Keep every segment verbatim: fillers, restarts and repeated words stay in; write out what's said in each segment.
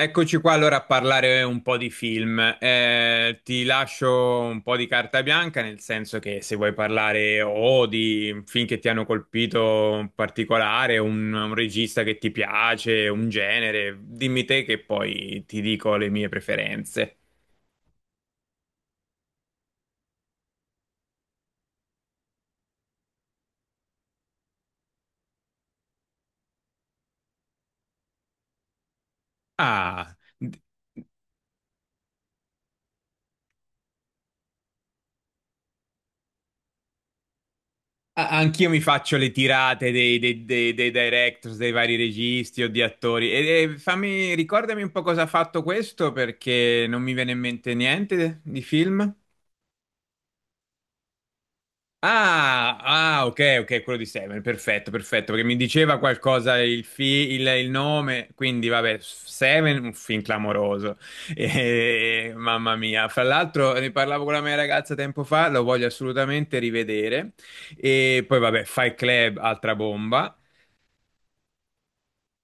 Eccoci qua allora a parlare un po' di film. Eh, ti lascio un po' di carta bianca, nel senso che se vuoi parlare o di film che ti hanno colpito in particolare, un, un regista che ti piace, un genere, dimmi te che poi ti dico le mie preferenze. Ah, A- Anch'io mi faccio le tirate dei, dei, dei- dei directors, dei vari registi o di attori. E, e fammi, ricordami un po' cosa ha fatto questo perché non mi viene in mente niente di film. Ah, ah, ok, ok, quello di Seven, perfetto, perfetto, perché mi diceva qualcosa il, fi- il- il nome, quindi vabbè, Seven, un film clamoroso. E- mamma mia, fra l'altro ne parlavo con la mia ragazza tempo fa, lo voglio assolutamente rivedere, e poi vabbè, Fight Club, altra bomba.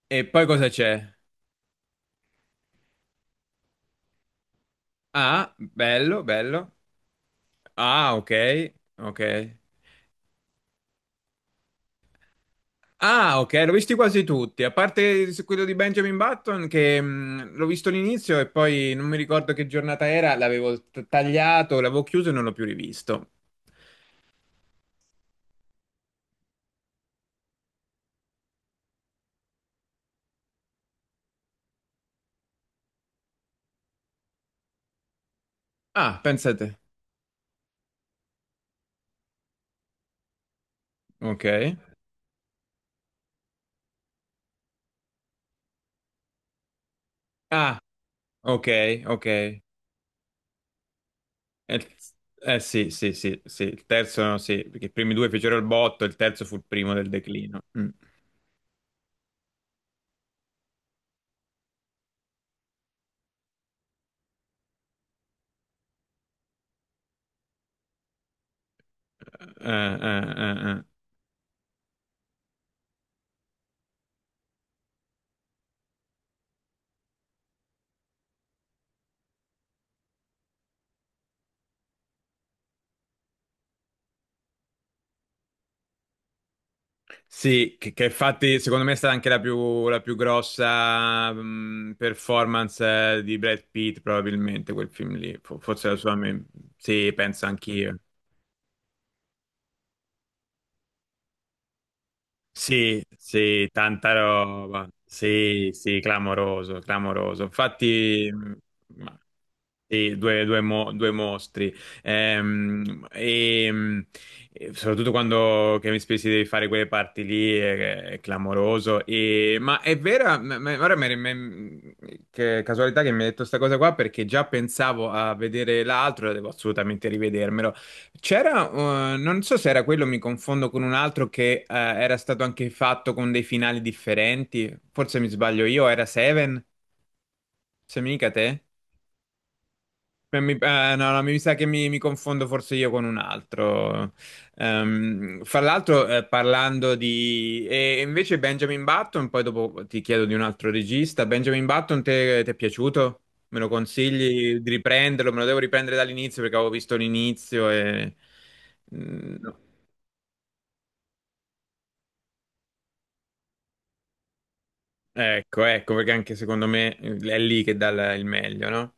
E poi cosa c'è? Ah, bello, bello. Ah, ok, ok. Ah, ok, l'ho visti quasi tutti, a parte quello di Benjamin Button che mh, l'ho visto all'inizio e poi non mi ricordo che giornata era, l'avevo t- tagliato, l'avevo chiuso e non l'ho più rivisto. Ah, pensate. Ok. Ah, ok, ok. Eh, eh, sì, sì, sì, sì, il terzo no, sì, perché i primi due fecero il botto, il terzo fu il primo del declino. Mm. Eh, eh, eh, eh. Sì, che, che infatti secondo me è stata anche la più, la più grossa mh, performance eh, di Brad Pitt, probabilmente quel film lì. Fo- Forse la sua. me- Sì, penso anch'io. Sì, sì, tanta roba. Sì, sì, clamoroso, clamoroso. Infatti, mh, ma- sì, due, due mo- due mostri. Ehm, e, mh, e soprattutto quando Kevin Spacey devi fare quelle parti lì, è, è clamoroso. E- ma è vera, m- m- ora mi- mi- Che casualità che mi hai detto questa cosa qua, perché già pensavo a vedere l'altro, e devo assolutamente rivedermelo. C'era, eh, non so se era quello, mi confondo con un altro che eh, era stato anche fatto con dei finali differenti. Forse mi sbaglio io, era Seven, se mica te. Eh, Mi, eh, no, no, mi sa che mi, mi confondo forse io con un altro. Ehm, fra l'altro, eh, parlando di... E invece Benjamin Button, poi dopo ti chiedo di un altro regista. Benjamin Button, te- ti è piaciuto? Me lo consigli di riprenderlo? Me lo devo riprendere dall'inizio perché avevo visto l'inizio e... Mm, no. Ecco, ecco, perché anche secondo me eh, è lì che dà la- il meglio, no?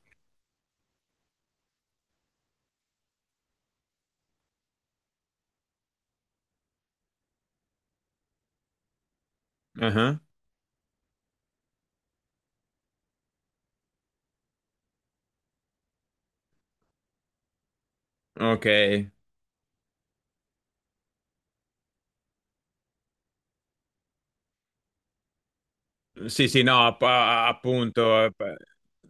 Ah, ok. Sì, sì, no, app- appunto. eh,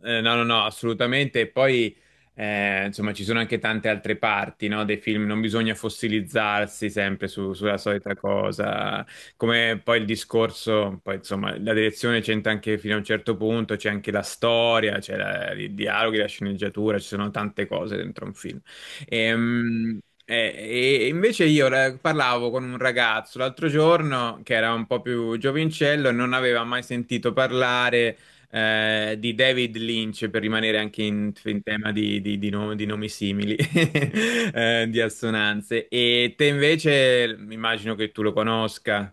eh, no, no, no, assolutamente. E poi, eh, insomma, ci sono anche tante altre parti, no, dei film. Non bisogna fossilizzarsi sempre su- sulla solita cosa. Come poi il discorso, poi insomma, la direzione c'entra anche fino a un certo punto, c'è anche la storia, c'è la- i dialoghi, la sceneggiatura, ci sono tante cose dentro un film. Ehm, Eh, e invece io ra- parlavo con un ragazzo l'altro giorno che era un po' più giovincello e non aveva mai sentito parlare eh, di David Lynch, per rimanere anche in, in tema di, di- di no- di nomi simili, eh, di assonanze. E te invece, immagino che tu lo conosca.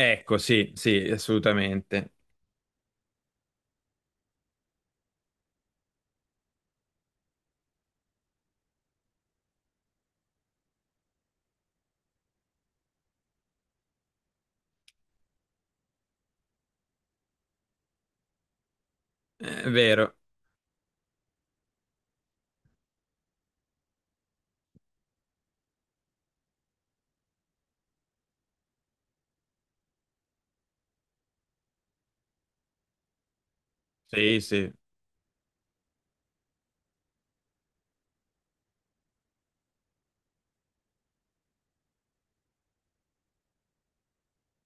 Ecco, sì, sì, assolutamente. Eh, È vero. Sì, sì.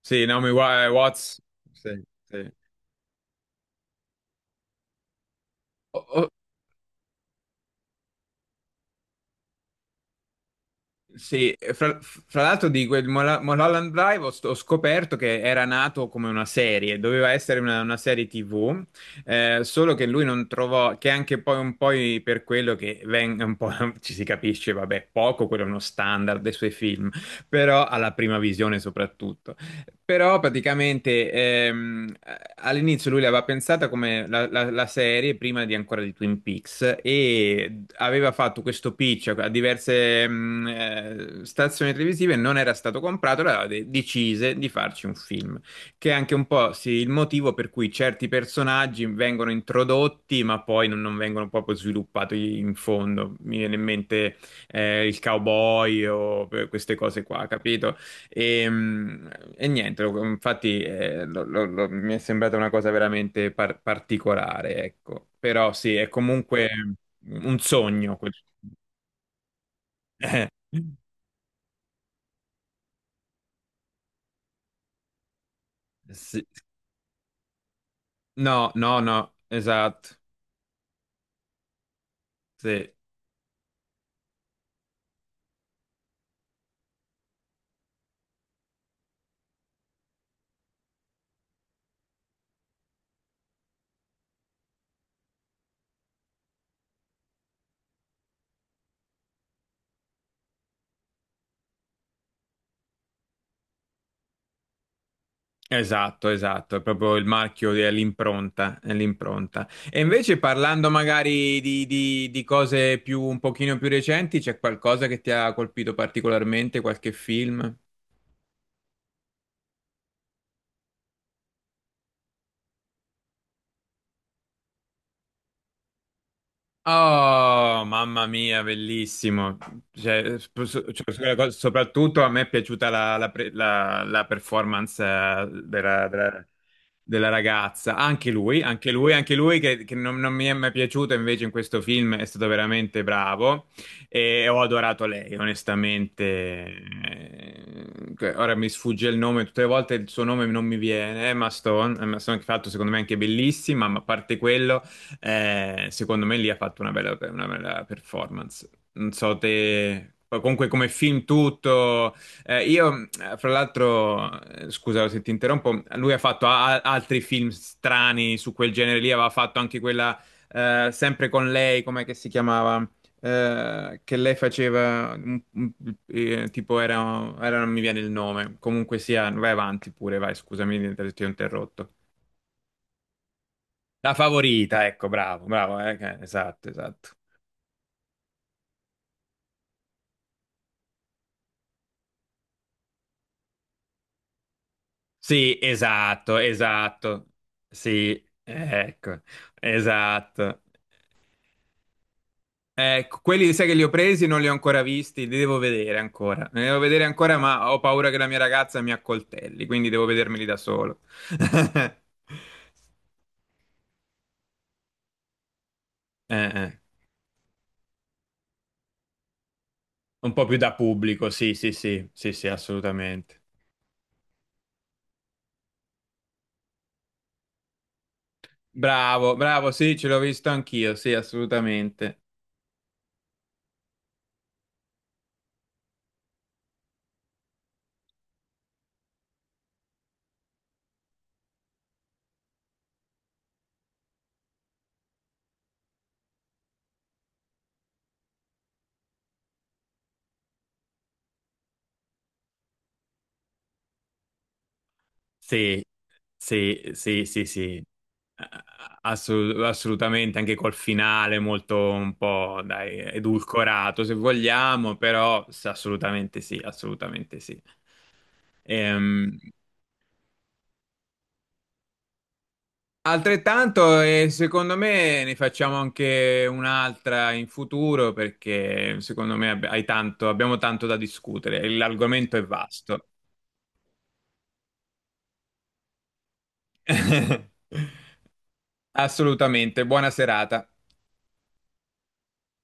Sì, Naomi Wa- Watts. Sì, sì. Ho, ho Sì, e fra, fra l'altro di quel Mul- Mulholland Drive ho, st- ho scoperto che era nato come una serie, doveva essere una, una serie T V, eh, solo che lui non trovò, che anche poi un po' i- per quello che ven- un po' ci si capisce, vabbè, poco, quello è uno standard dei suoi film, però alla prima visione soprattutto. Però praticamente ehm, all'inizio lui l'aveva pensata come la, la- la serie prima di ancora di Twin Peaks e aveva fatto questo pitch a diverse mm, eh, stazioni televisive, non era stato comprato, allora de- decise di farci un film, che è anche un po' sì, il motivo per cui certi personaggi vengono introdotti ma poi non, non vengono proprio sviluppati in fondo. Mi viene in mente eh, il cowboy o eh, queste cose qua, capito? E, mm, e niente, lo- infatti eh, lo- lo- lo- mi è sembrata una cosa veramente par- particolare, ecco. Però sì, è comunque un sogno. quel- Sì. No, no, no, esatto, sì, esatto, esatto, è proprio il marchio dell'impronta, è l'impronta. E invece parlando magari di, di- di cose più, un pochino più recenti, c'è qualcosa che ti ha colpito particolarmente, qualche film? Oh, mamma mia, bellissimo. Cioè, sp- so- cioè, so- co- soprattutto a me è piaciuta la, la pre- la- la performance eh, della, della- della ragazza. Anche lui, anche lui, anche lui che, che non, non mi è mai piaciuto invece in questo film è stato veramente bravo e ho adorato lei, onestamente. Eh, Ora mi sfugge il nome, tutte le volte il suo nome non mi viene. Emma Stone, Emma Stone che ha fatto secondo me anche bellissima, ma a parte quello... Eh, secondo me lì ha fatto una bella, una bella performance. Non so te, comunque come film tutto. Eh, io, eh, fra l'altro, eh, scusa se ti interrompo, lui ha fatto a- a- altri film strani su quel genere lì, aveva fatto anche quella, eh, sempre con lei, com'è che si chiamava? Eh, che lei faceva un- un- eh, tipo era, era- non mi viene il nome, comunque sia vai avanti pure, vai, scusami se ti ho interrotto. La favorita, ecco, bravo, bravo, eh, che- esatto, esatto. Sì, esatto, esatto. Sì, ecco, esatto. Ecco, quelli sai che li ho presi, non li ho ancora visti, li devo vedere ancora. Li devo vedere ancora, ma ho paura che la mia ragazza mi accoltelli, quindi devo vedermeli da solo. Eh, eh. Un po' più da pubblico, sì, sì, sì, sì, sì, assolutamente. Bravo, bravo, sì, ce l'ho visto anch'io, sì, assolutamente. Sì, sì, sì, sì, sì, Assu- assolutamente, anche col finale molto un po', dai, edulcorato se vogliamo, però s- assolutamente sì, assolutamente sì. Ehm, Altrettanto, e secondo me, ne facciamo anche un'altra in futuro perché secondo me abbi- hai tanto- abbiamo tanto da discutere, l'argomento è vasto. Assolutamente, buona serata.